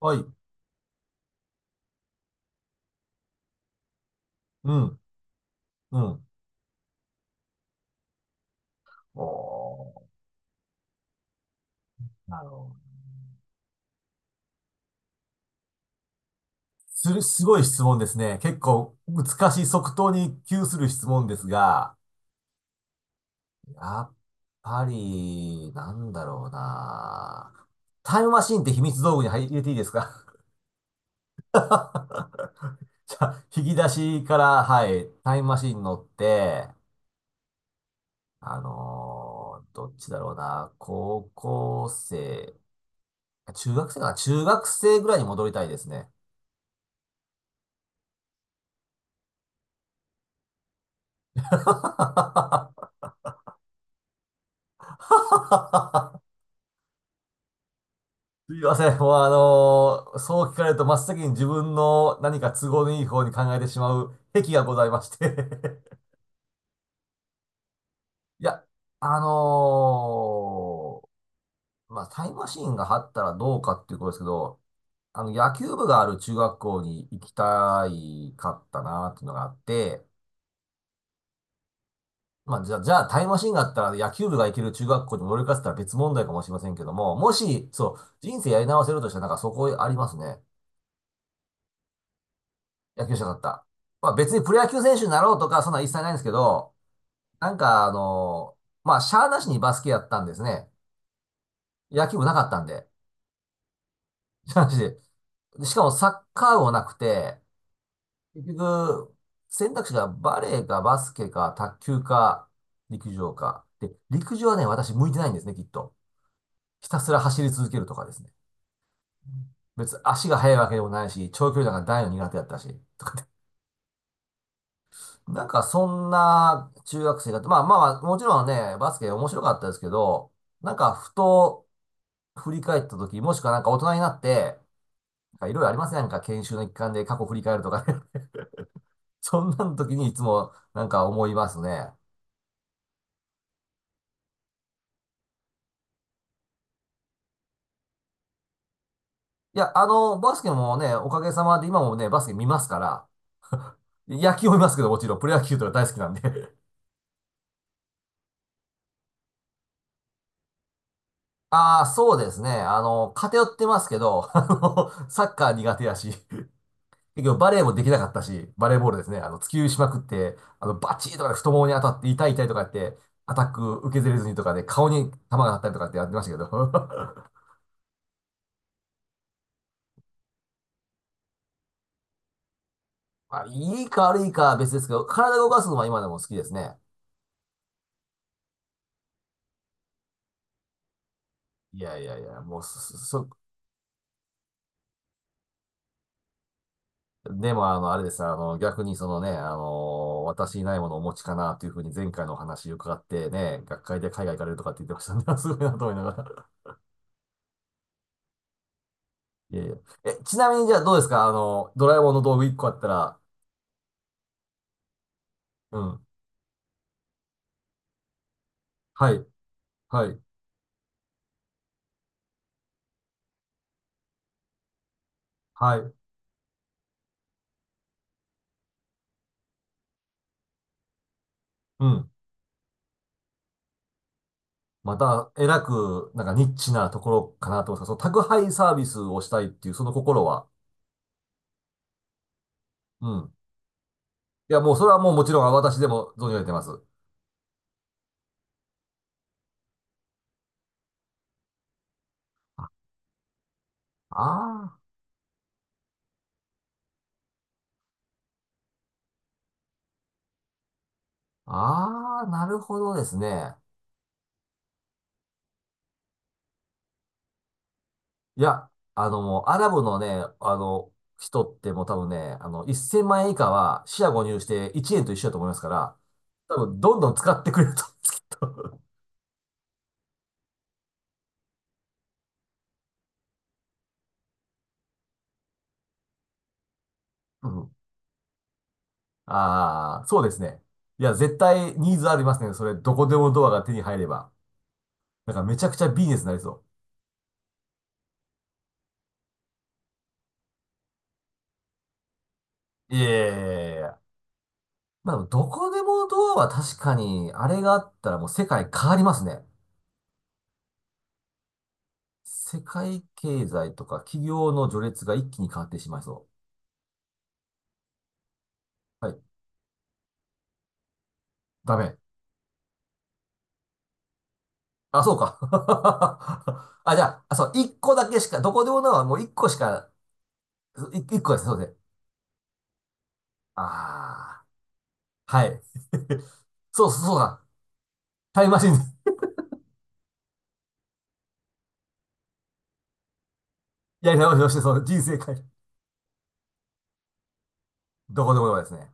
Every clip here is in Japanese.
はい。うん。うん。おー、なるほど。すごい質問ですね。結構難しい即答に窮する質問ですが、やっぱり、なんだろうな。タイムマシンって秘密道具に入れていいですか？ じゃあ、引き出しから、はい、タイムマシン乗って、どっちだろうな。高校生、中学生かな、中学生ぐらいに戻りたいですね。すいません。もうそう聞かれると真っ先に自分の何か都合のいい方に考えてしまう癖がございまして。 いや、あのまあ、タイムマシーンがあったらどうかっていうことですけど、あの、野球部がある中学校に行きたいかったなっていうのがあって、まあ、じゃあタイムマシーンがあったら野球部が行ける中学校に乗り換えてたら別問題かもしれませんけども、もし、そう、人生やり直せるとしたらなんかそこありますね。野球者だった。まあ別にプロ野球選手になろうとか、そんなん一切ないんですけど、なんかまあしゃーなしにバスケやったんですね。野球部なかったんで。しゃーなしで。でしかもサッカー部もなくて、結局、選択肢がバレーかバスケか卓球か陸上か。で、陸上はね、私向いてないんですね、きっと。ひたすら走り続けるとかですね。別に足が速いわけでもないし、長距離なんか大の苦手だったし。なんかそんな中学生が、まあまあまあ、もちろんね、バスケ面白かったですけど、なんかふと振り返った時、もしくはなんか大人になって、なんかいろいろありますね。なんか研修の一環で過去振り返るとかね。そんなの時にいつもなんか思いますね。いや、あの、バスケもね、おかげさまで今もね、バスケ見ますから、野球を見ますけど、もちろん、プロ野球とか大好きなんで。 ああ、そうですね。あの、偏ってますけど、あの、サッカー苦手やし。結局バレーもできなかったし、バレーボールですね、あの、突きしまくって、あの、バチーとかで太ももに当たって痛い痛いとかやって、アタック受けずれずにとかで顔に球が当たったりとかってやってましたけど。まあ、いいか悪いかは別ですけど、体を動かすのは今でも好きですね。いやいやいや、もうそ、そ、でもあの、あれです、あの、逆にそのね、あの、私にないものをお持ちかなというふうに前回のお話伺ってね、学会で海外行かれるとかって言ってましたね。すごいなと思いながら。いやいや。え、ちなみにじゃあどうですかあの、ドラえもんの道具1個あったら、うん。はい、はい、はい、うん。また、えらく、なんかニッチなところかなと思いますが、その宅配サービスをしたいっていう、その心は、うん。いや、もうそれはもうもちろん私でも存じ上げてます。ああー、ああ、なるほどですね。いや、あの、もうアラブのね、あの、人ってもう多分ね、あの、1000万円以下は、四捨五入して1円と一緒だと思いますから、多分、どんどん使ってくれると。うん。ああ、そうですね。いや、絶対ニーズありますね。それ、どこでもドアが手に入れば。なんかめちゃくちゃビジネスになりそう。いやいやいやいや、まあ、どこでもドアは確かに、あれがあったらもう世界変わりますね。世界経済とか企業の序列が一気に変わってしまいそう。はい。ダメ。あ、そうか。あ、じゃあ、あ、そう、一個だけしか、どこでもドアはもう一個しか、一個ですね。そうですね。ああ、はい。そうそうそうだ。タイムマシン、いやいや、よして、その人生変える。どこでもよですね。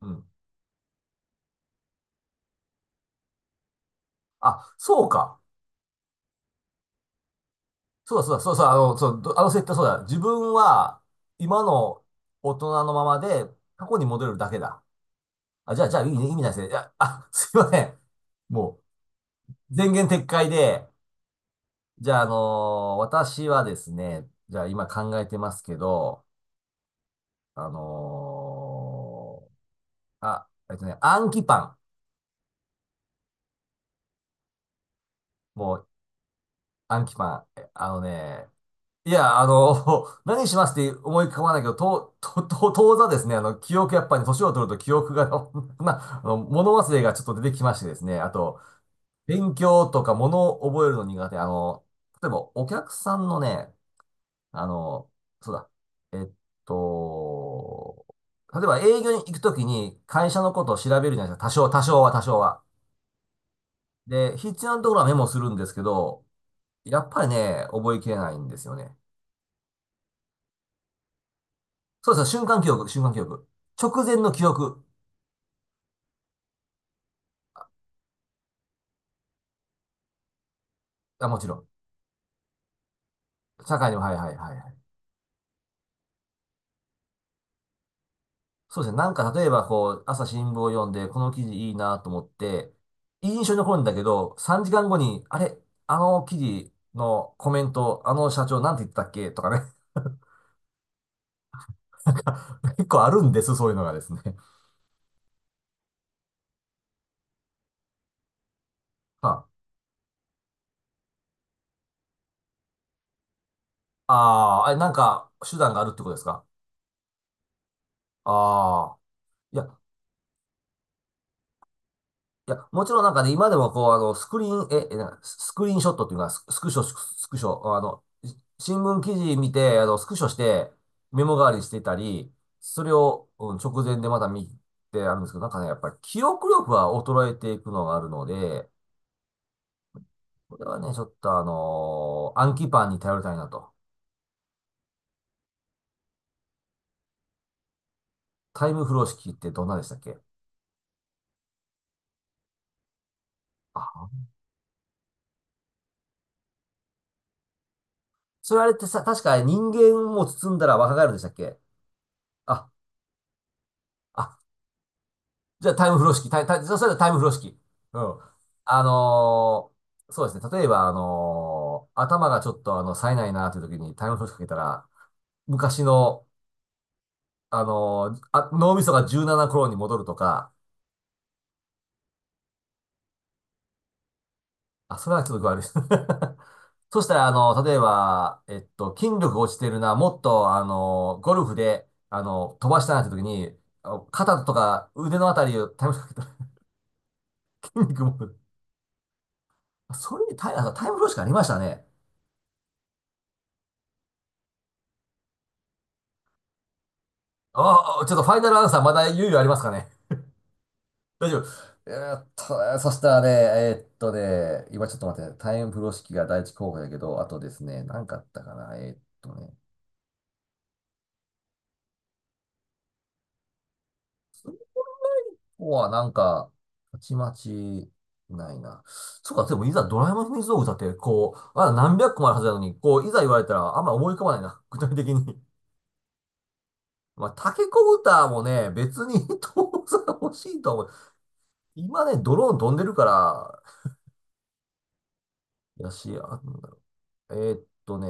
うん。あ、そうか。そうだ、そうだ、そうだ、あの、そう、あの設定そうだ。自分は、今の大人のままで、過去に戻れるだけだ。あ、じゃあ、いいね、意味ないですね。いや、あ、すいません。もう、前言撤回で、じゃあ、私はですね、じゃあ、今考えてますけど、あの暗記パン。もう、暗記パン。あのね、いや、あの、何しますって思い浮かばないけど、と、と、と、当座ですね、あの、記憶、やっぱり年を取ると記憶が。 あの、物忘れがちょっと出てきましてですね、あと、勉強とか物を覚えるの苦手、あの、例えばお客さんのね、あの、そうだ、えっと、例えば営業に行くときに会社のことを調べるじゃないですか、多少は。で、必要なところはメモするんですけど、やっぱりね、覚えきれないんですよね。そうですね、瞬間記憶、瞬間記憶。直前の記憶。あ、もちろん。社会にも、はいはいはいはい。そうですね。なんか例えば、こう、朝新聞を読んで、この記事いいなと思って、いい印象に残るんだけど、3時間後に、あれ、あの記事のコメント、あの社長なんて言ってたっけとかね。なんか結構あるんです、そういうのがですね。は、ああー、あれ、なんか手段があるってことですか？ああー。いや、いや、もちろんなんかね、今でもこう、あの、スクリーンショットっていうのは、ススクショ、スクスクショ、あの、新聞記事見て、あの、スクショして、メモ代わりにしてたり、それを、うん、直前でまた見てあるんですけど、なんかね、やっぱり記憶力は衰えていくのがあるので、これはね、ちょっと暗記パンに頼りたいなと。タイムフロー式ってどんなでしたっけ？あ、それあれってさ、確か人間も包んだら若返るんでしたっけ？あ、あ、じゃあタイム風呂敷、タイ、タイ、そしたらタイム風呂敷。うん。あのそうですね。例えば、頭がちょっと、あの、冴えないなという時にタイム風呂敷かけたら、昔の、脳みそが軟なな頃に戻るとか、あ、それはちょっと具合悪いです。そしたら、あの、例えば、えっと、筋力が落ちてるな、もっと、あの、ゴルフで、あの、飛ばしたなって時に、あの肩とか腕のあたりをタイムロスかけたら筋肉も、それにタイ、あタイムロスかありましたね。ああ、ちょっとファイナルアンサーまだ猶予ありますかね。大丈夫。そしたらね、今ちょっと待ってね、タイム風呂敷が第一候補やけど、あとですね、何かあったかな。ここはなんか、たちまちないな。そうか、でもいざドラえもんの秘密道具だって、こう、まだ何百個もあるはずなのに、こう、いざ言われたらあんまり思い浮かばないな、具体的に。まあ、タケコプターもね、別に 当然欲しいとは思う。今ね、ドローン飛んでるから、やし、あ、えーっとね、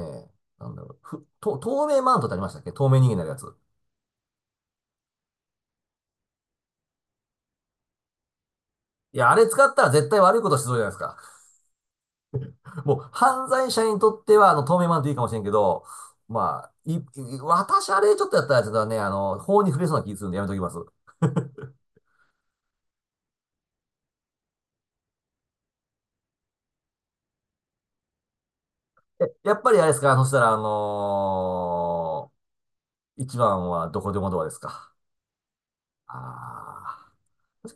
なんだろう、透明マントってありましたっけ？透明人間になるやつ。いや、あれ使ったら絶対悪いことしそうじゃないですか。もう、犯罪者にとっては、あの、透明マントいいかもしれんけど、まあ、私、あれちょっとやったら、ちょっとね、あの、法に触れそうな気するんでやめときます。え、やっぱりあれですかそしたら、一番はどこでもドアですか。ああー、確か